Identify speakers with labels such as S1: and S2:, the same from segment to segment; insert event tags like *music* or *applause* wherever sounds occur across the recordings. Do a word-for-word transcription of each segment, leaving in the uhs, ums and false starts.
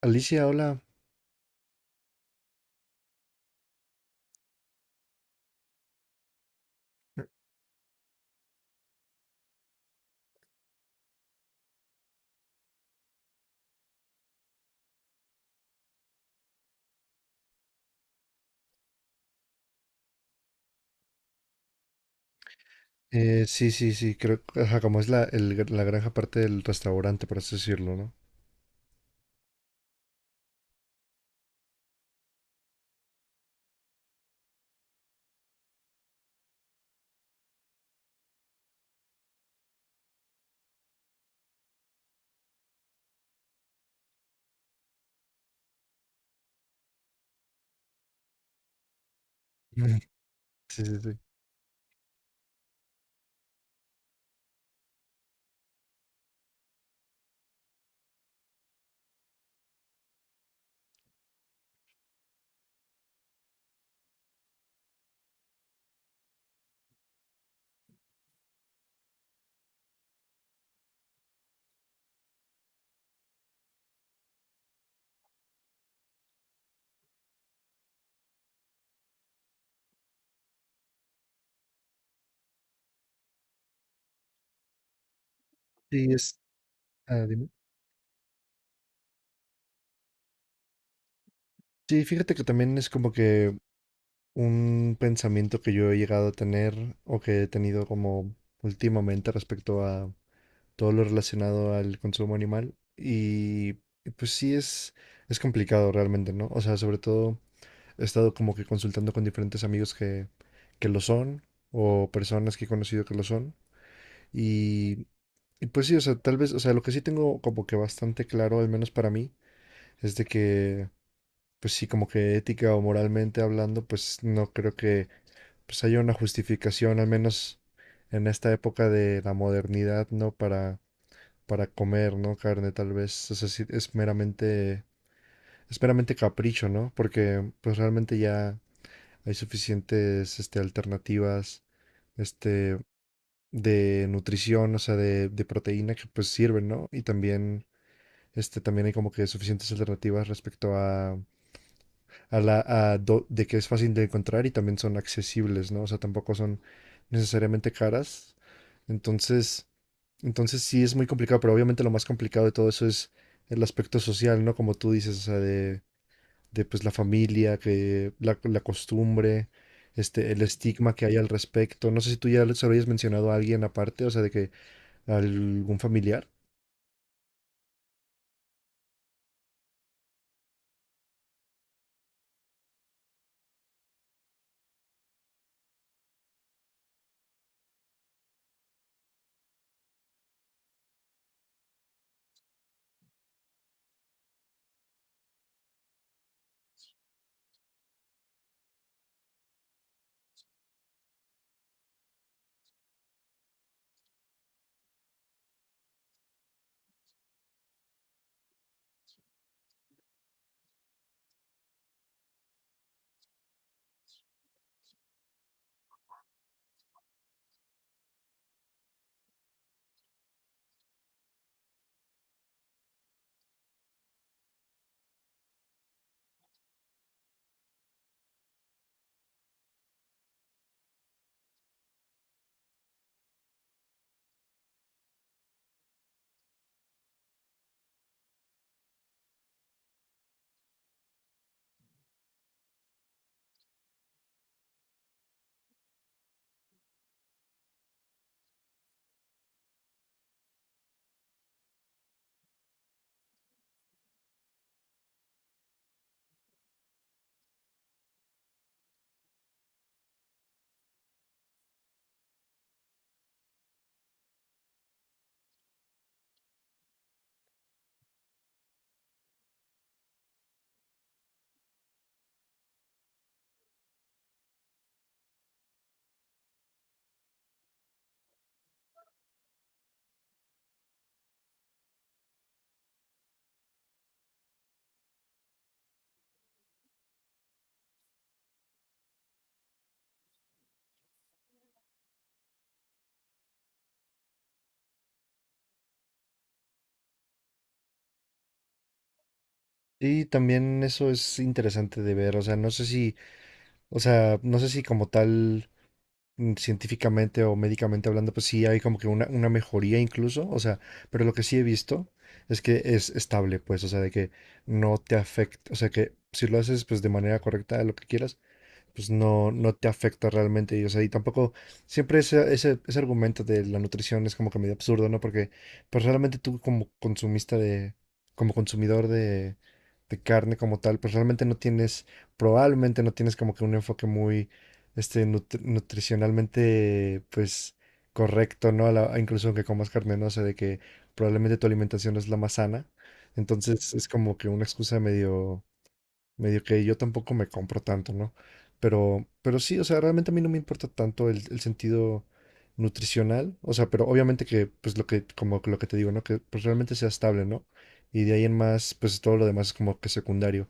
S1: Alicia, hola. Eh, sí, sí, sí, creo que ajá, como es la, el gr- la granja parte del restaurante, por así decirlo, ¿no? Ujú. Sí, sí, sí. Sí, es, ah, dime. Sí, fíjate que también es como que un pensamiento que yo he llegado a tener o que he tenido como últimamente respecto a todo lo relacionado al consumo animal. Y y pues sí es, es complicado realmente, ¿no? O sea, sobre todo he estado como que consultando con diferentes amigos que, que lo son o personas que he conocido que lo son. Y, y pues sí, o sea, tal vez, o sea, lo que sí tengo como que bastante claro, al menos para mí, es de que, pues sí, como que ética o moralmente hablando, pues no creo que pues haya una justificación, al menos en esta época de la modernidad, ¿no? Para, para comer, ¿no? Carne, tal vez, o sea, sí, es meramente, es meramente capricho, ¿no? Porque pues realmente ya hay suficientes, este, alternativas, este, de nutrición, o sea, de, de proteína que pues sirven, ¿no? Y también, este, también hay como que suficientes alternativas respecto a, a la, a do- de que es fácil de encontrar y también son accesibles, ¿no? O sea, tampoco son necesariamente caras. Entonces, entonces sí es muy complicado, pero obviamente lo más complicado de todo eso es el aspecto social, ¿no? Como tú dices, o sea, de, de pues la familia, que la, la costumbre. Este, el estigma que hay al respecto. No sé si tú ya se lo hayas mencionado a alguien aparte, o sea, de que algún familiar. Y también eso es interesante de ver, o sea, no sé si, o sea, no sé si como tal mm, científicamente o médicamente hablando, pues sí hay como que una, una mejoría incluso, o sea, pero lo que sí he visto es que es estable, pues, o sea, de que no te afecta, o sea, que si lo haces pues de manera correcta, lo que quieras, pues no, no te afecta realmente. Y, o sea, y tampoco, siempre ese, ese, ese argumento de la nutrición es como que medio absurdo, ¿no? Porque pues realmente tú como consumista de, como consumidor de, de carne como tal, pues realmente no tienes, probablemente no tienes como que un enfoque muy, este, nut- nutricionalmente, pues, correcto, ¿no? A la, incluso aunque comas carne, ¿no? O sea, de que probablemente tu alimentación no es la más sana. Entonces es como que una excusa medio medio que yo tampoco me compro tanto, ¿no? Pero, pero sí, o sea, realmente a mí no me importa tanto el, el sentido nutricional, o sea, pero obviamente que, pues lo que, como lo que te digo, ¿no? Que pues realmente sea estable, ¿no? Y de ahí en más, pues todo lo demás es como que secundario.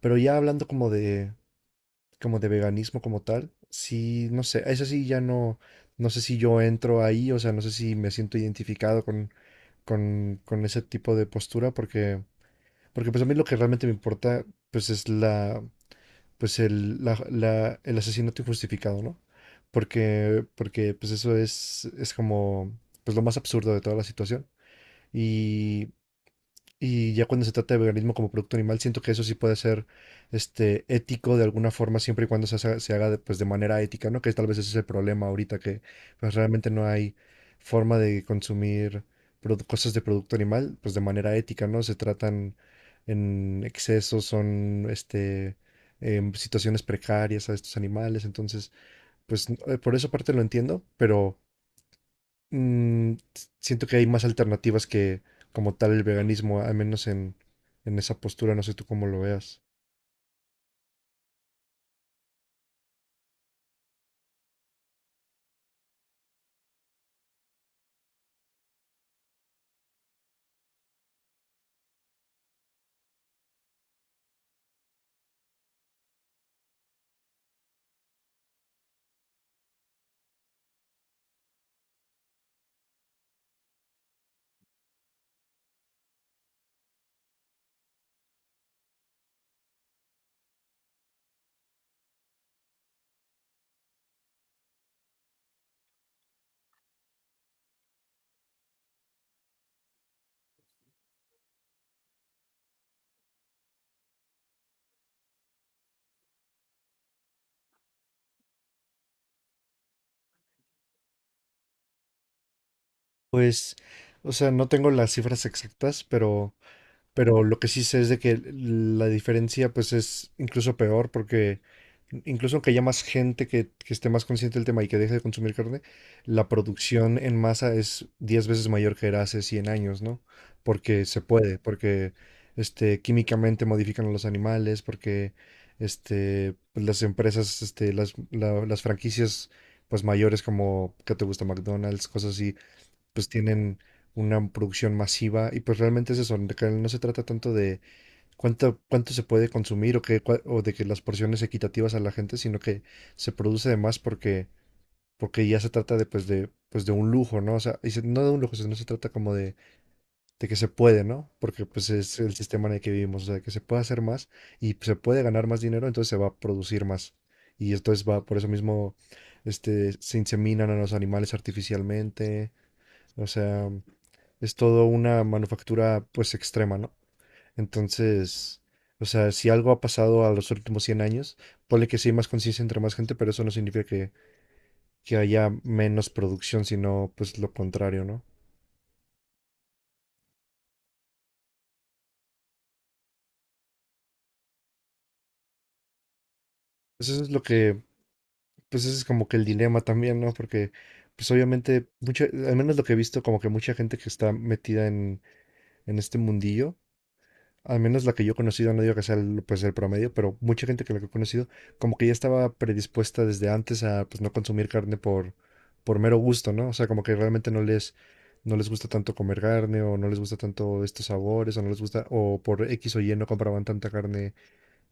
S1: Pero ya hablando como de, como de veganismo como tal, sí, no sé, eso sí ya no, no sé si yo entro ahí, o sea, no sé si me siento identificado con, con, con ese tipo de postura, porque, porque pues a mí lo que realmente me importa, pues es la, pues el, la- la- el asesinato injustificado, ¿no? Porque, porque pues eso es, es como pues lo más absurdo de toda la situación. Y y ya cuando se trata de veganismo como producto animal, siento que eso sí puede ser este, ético de alguna forma, siempre y cuando se, hace- se haga de, pues, de manera ética, ¿no? Que tal vez ese es el problema ahorita, que pues, realmente no hay forma de consumir produ- cosas de producto animal, pues de manera ética, ¿no? Se tratan en exceso, son este, em, situaciones precarias a estos animales, entonces, pues n- eh, por esa parte lo entiendo, pero mm, siento que hay más alternativas que como tal el veganismo, al menos en, en esa postura, no sé tú cómo lo veas. Pues, o sea, no tengo las cifras exactas, pero Pero lo que sí sé es de que la diferencia pues es incluso peor porque incluso aunque haya más gente que, que esté más consciente del tema y que deje de consumir carne, la producción en masa es diez veces mayor que era hace cien años, ¿no? Porque se puede, porque este, químicamente modifican a los animales, porque este, pues, las empresas, este, las, la- las franquicias pues mayores como que te gusta McDonald's, cosas así, pues tienen una producción masiva y pues realmente es eso, de que no se trata tanto de cuánto, cuánto se puede consumir o, que, o de que las porciones equitativas a la gente, sino que se produce de más porque, porque ya se trata de pues de, pues de un lujo, ¿no? O sea, y se- no de un lujo, sino se trata como de, de que se puede, ¿no? Porque pues es el sistema en el que vivimos, o sea, que se puede hacer más y se puede ganar más dinero, entonces se va a producir más. Y entonces va, por eso mismo, este, se inseminan a los animales artificialmente, o sea es todo una manufactura pues extrema, ¿no? Entonces, o sea, si algo ha pasado a los últimos cien años, ponle que sí hay más conciencia entre más gente, pero eso no significa que, que haya menos producción, sino pues lo contrario, ¿no? Pues eso es lo que, pues ese es como que el dilema también, ¿no? Porque pues obviamente, mucha, al menos lo que he visto, como que mucha gente que está metida en, en este mundillo, al menos la que yo he conocido, no digo que sea el, pues el promedio, pero mucha gente que la que he conocido, como que ya estaba predispuesta desde antes a pues no consumir carne por, por mero gusto, ¿no? O sea, como que realmente no les, no les gusta tanto comer carne, o no les gusta tanto estos sabores, o no les gusta, o por X o Y no compraban tanta carne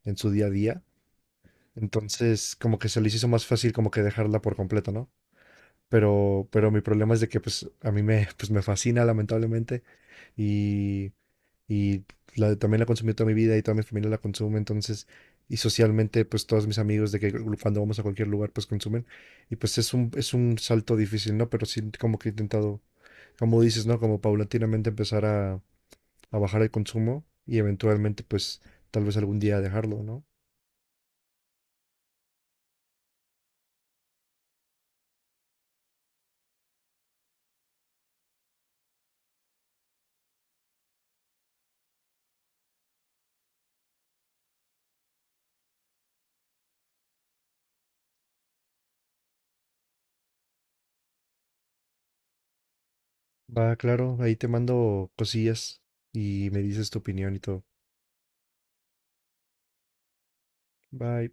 S1: en su día a día. Entonces, como que se les hizo más fácil como que dejarla por completo, ¿no? Pero, pero mi problema es de que pues a mí me, *laughs* pues, me fascina lamentablemente y la, también la consumí toda mi vida y toda mi familia la consume, entonces, y socialmente, pues todos mis amigos de que cuando vamos a cualquier lugar, pues consumen, y pues es un, es un salto difícil, ¿no? Pero sí, como que he intentado, como dices, ¿no? Como paulatinamente empezar a, a bajar el consumo y eventualmente, pues, tal vez algún día dejarlo, ¿no? Va, claro, ahí te mando cosillas y me dices tu opinión y todo. Bye.